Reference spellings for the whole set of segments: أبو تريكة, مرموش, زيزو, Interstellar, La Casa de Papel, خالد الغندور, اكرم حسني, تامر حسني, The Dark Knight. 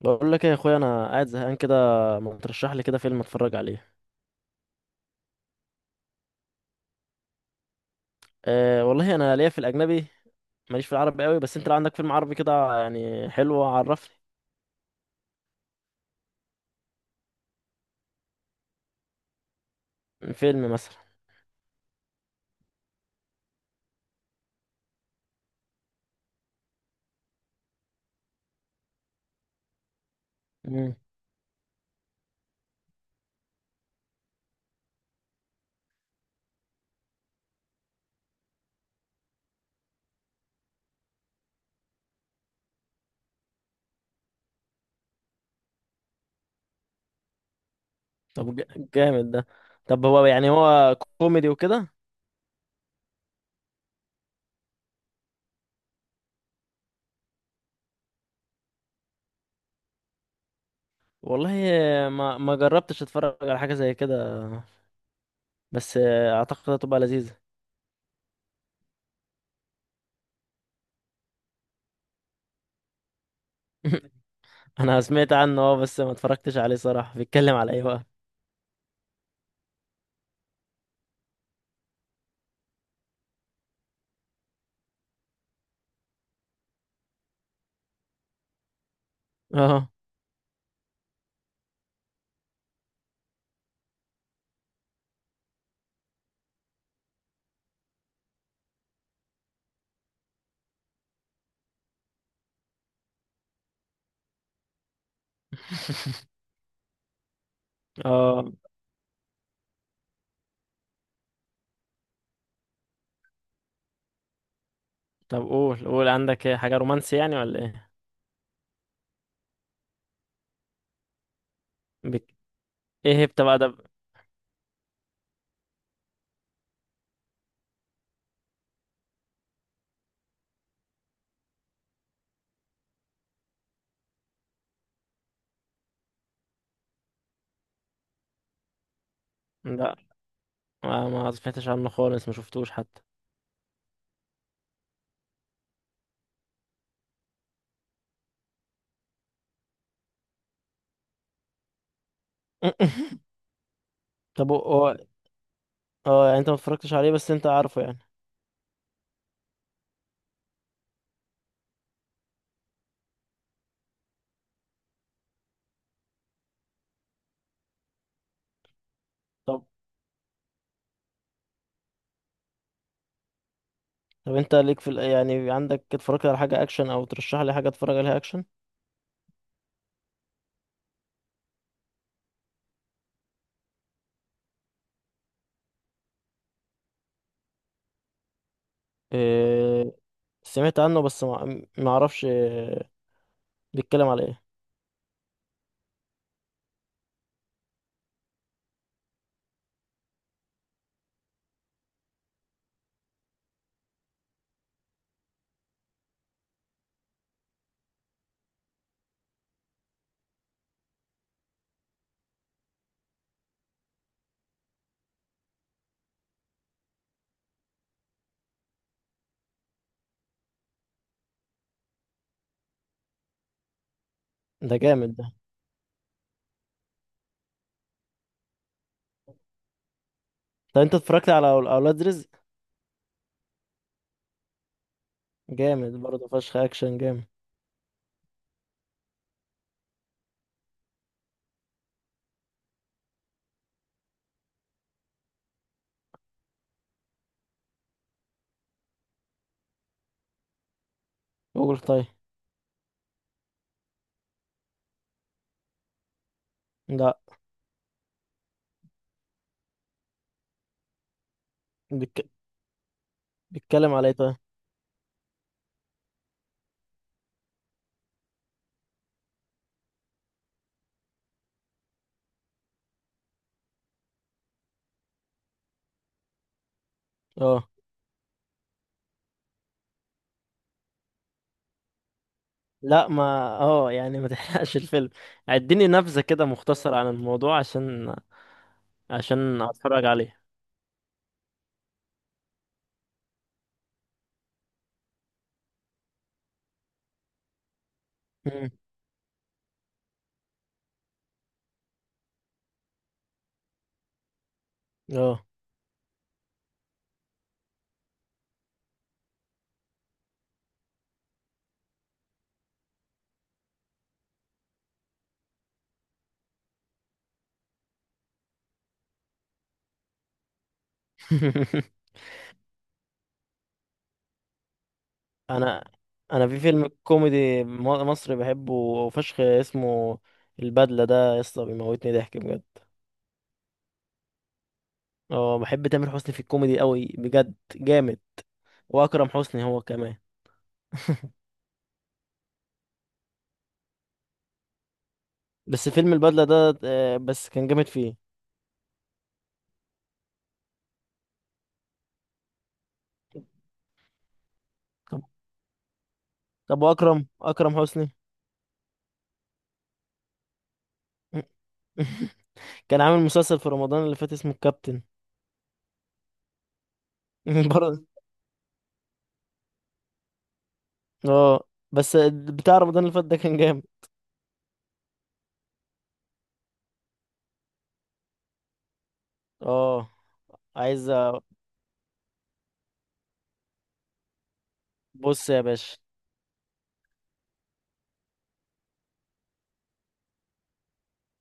بقول لك ايه يا اخويا، انا قاعد زهقان كده. ما ترشح لي كده فيلم اتفرج عليه؟ أه والله انا ليا في الاجنبي. ماليش في العربي قوي، بس انت لو عندك فيلم عربي كده يعني حلو، عرفني. فيلم مثلا. مم. طب جامد ده. طب هو يعني هو كوميدي وكده؟ والله ما جربتش اتفرج على حاجه زي كده، بس اعتقد هتبقى لذيذه. انا سمعت عنه اه، بس ما اتفرجتش عليه صراحه. بيتكلم على ايه بقى؟ اه اه. طب قول، قول عندك إيه؟ حاجه رومانسي يعني ولا ايه؟ بك... ايه هبت بقى ده؟ لا، ما سمعتش عنه خالص، ما شفتوش حتى. طب هو هو- اه، يعني انت ما اتفرجتش عليه بس انت عارفه يعني. طب طب انت ليك في يعني عندك اتفرجت على حاجة اكشن؟ او ترشح لي حاجة اتفرج عليها اكشن. إيه... سمعت عنه بس ما اعرفش إيه، بيتكلم على ايه؟ ده جامد ده. طب انت اتفرجت على اولاد رزق؟ جامد برضه فشخ، اكشن جامد. قول طيب. لا. بيتك... بيتكلم على ايه؟ طيب. لا، ما، اه يعني ما تحرقش الفيلم. اديني نبذة كده مختصر عن الموضوع عشان اتفرج عليه. مم. اه. انا انا في فيلم كوميدي مصري بحبه فشخ اسمه البدلة، ده يا اسطى بيموتني ضحك بجد. اه بحب تامر حسني في الكوميدي قوي بجد، جامد. واكرم حسني هو كمان. بس فيلم البدلة ده بس كان جامد فيه. طب طب واكرم، اكرم حسني. كان عامل مسلسل في رمضان اللي فات اسمه الكابتن. برضه. اه. بس بتاع رمضان اللي فات ده كان جامد. اه. عايز أ- بص يا باشا،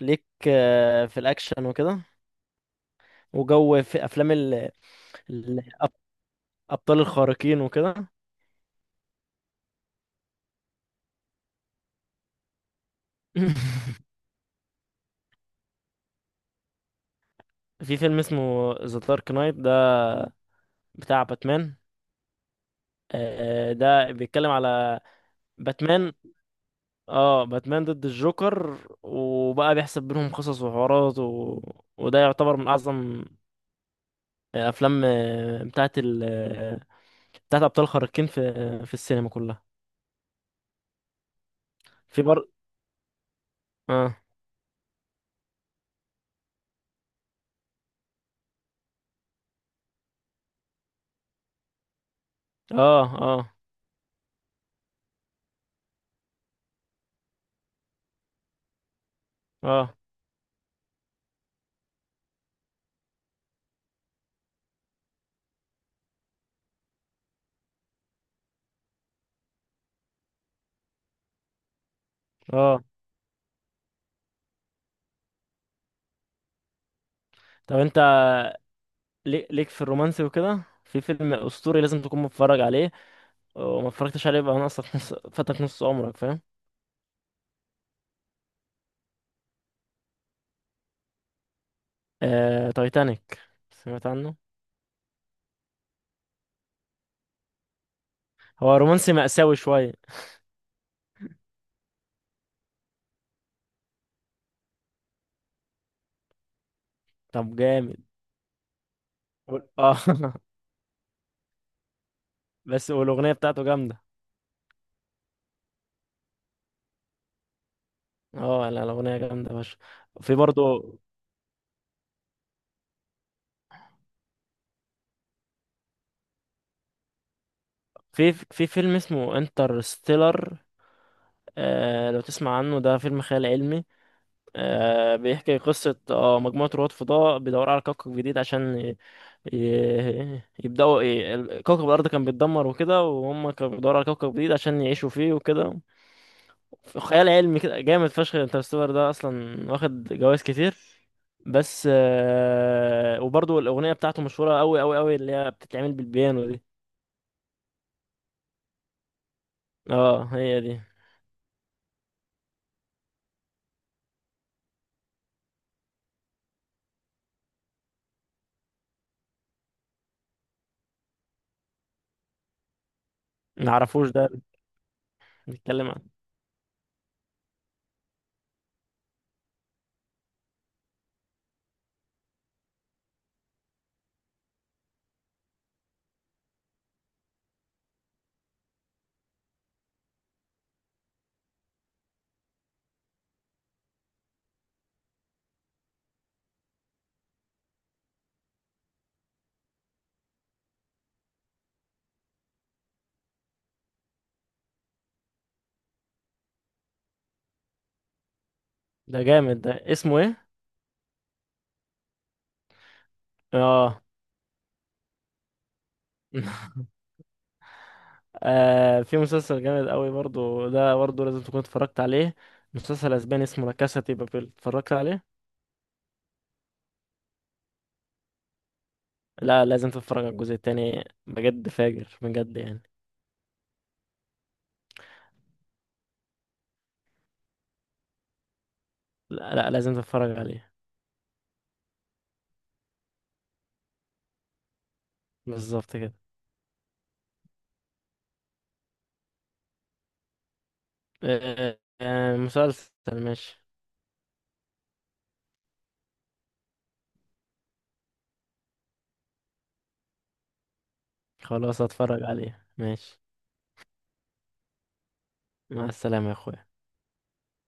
ليك في الاكشن وكده. وجو في افلام الابطال الخارقين وكده. في فيلم اسمه ذا دارك نايت ده، بتاع باتمان. ده بيتكلم على باتمان. اه باتمان ضد الجوكر، وبقى بيحسب بينهم قصص وحوارات وده يعتبر من اعظم افلام بتاعت ابطال خارقين في السينما كلها. في بر اه اه اه اه اه. طب انت ليك في الرومانسي وكده، في فيلم اسطوري لازم تكون متفرج عليه وما اتفرجتش عليه. بقى ناقصك نص، فاتك نص عمرك، فاهم؟ تايتانيك، سمعت عنه؟ هو رومانسي مأساوي شويه، طب جامد. وال- اه بس والاغنيه بتاعته جامده. اه لا، الاغنيه جامده يا باشا. في برضه في فيلم اسمه انترستيلر. لو تسمع عنه، ده فيلم خيال علمي. بيحكي قصة مجموعة رواد فضاء بيدوروا على كوكب جديد عشان يبدأوا كوكب الأرض كان بيتدمر وكده، وهم كانوا بيدوروا على كوكب جديد عشان يعيشوا فيه وكده. خيال علمي كده جامد فشخ، انترستيلر ده أصلا واخد جوائز كتير، بس وبرضه الأغنية بتاعته مشهورة أوي أوي أوي، اللي هي بتتعمل بالبيانو دي. اه هي دي. معرفوش ده. بيتكلم عن. ده جامد ده، اسمه ايه؟ اه. في مسلسل جامد قوي برضو، ده برضو لازم تكون اتفرجت عليه. مسلسل اسباني اسمه لا كاسا دي بابيل، اتفرجت عليه؟ لا، لازم تتفرج على الجزء التاني بجد، فاجر بجد يعني. لا، لا، لازم تتفرج عليه. بالظبط كده. آه آه، مسلسل. ماشي. خلاص هتفرج عليه، ماشي. مع السلامة يا اخويا.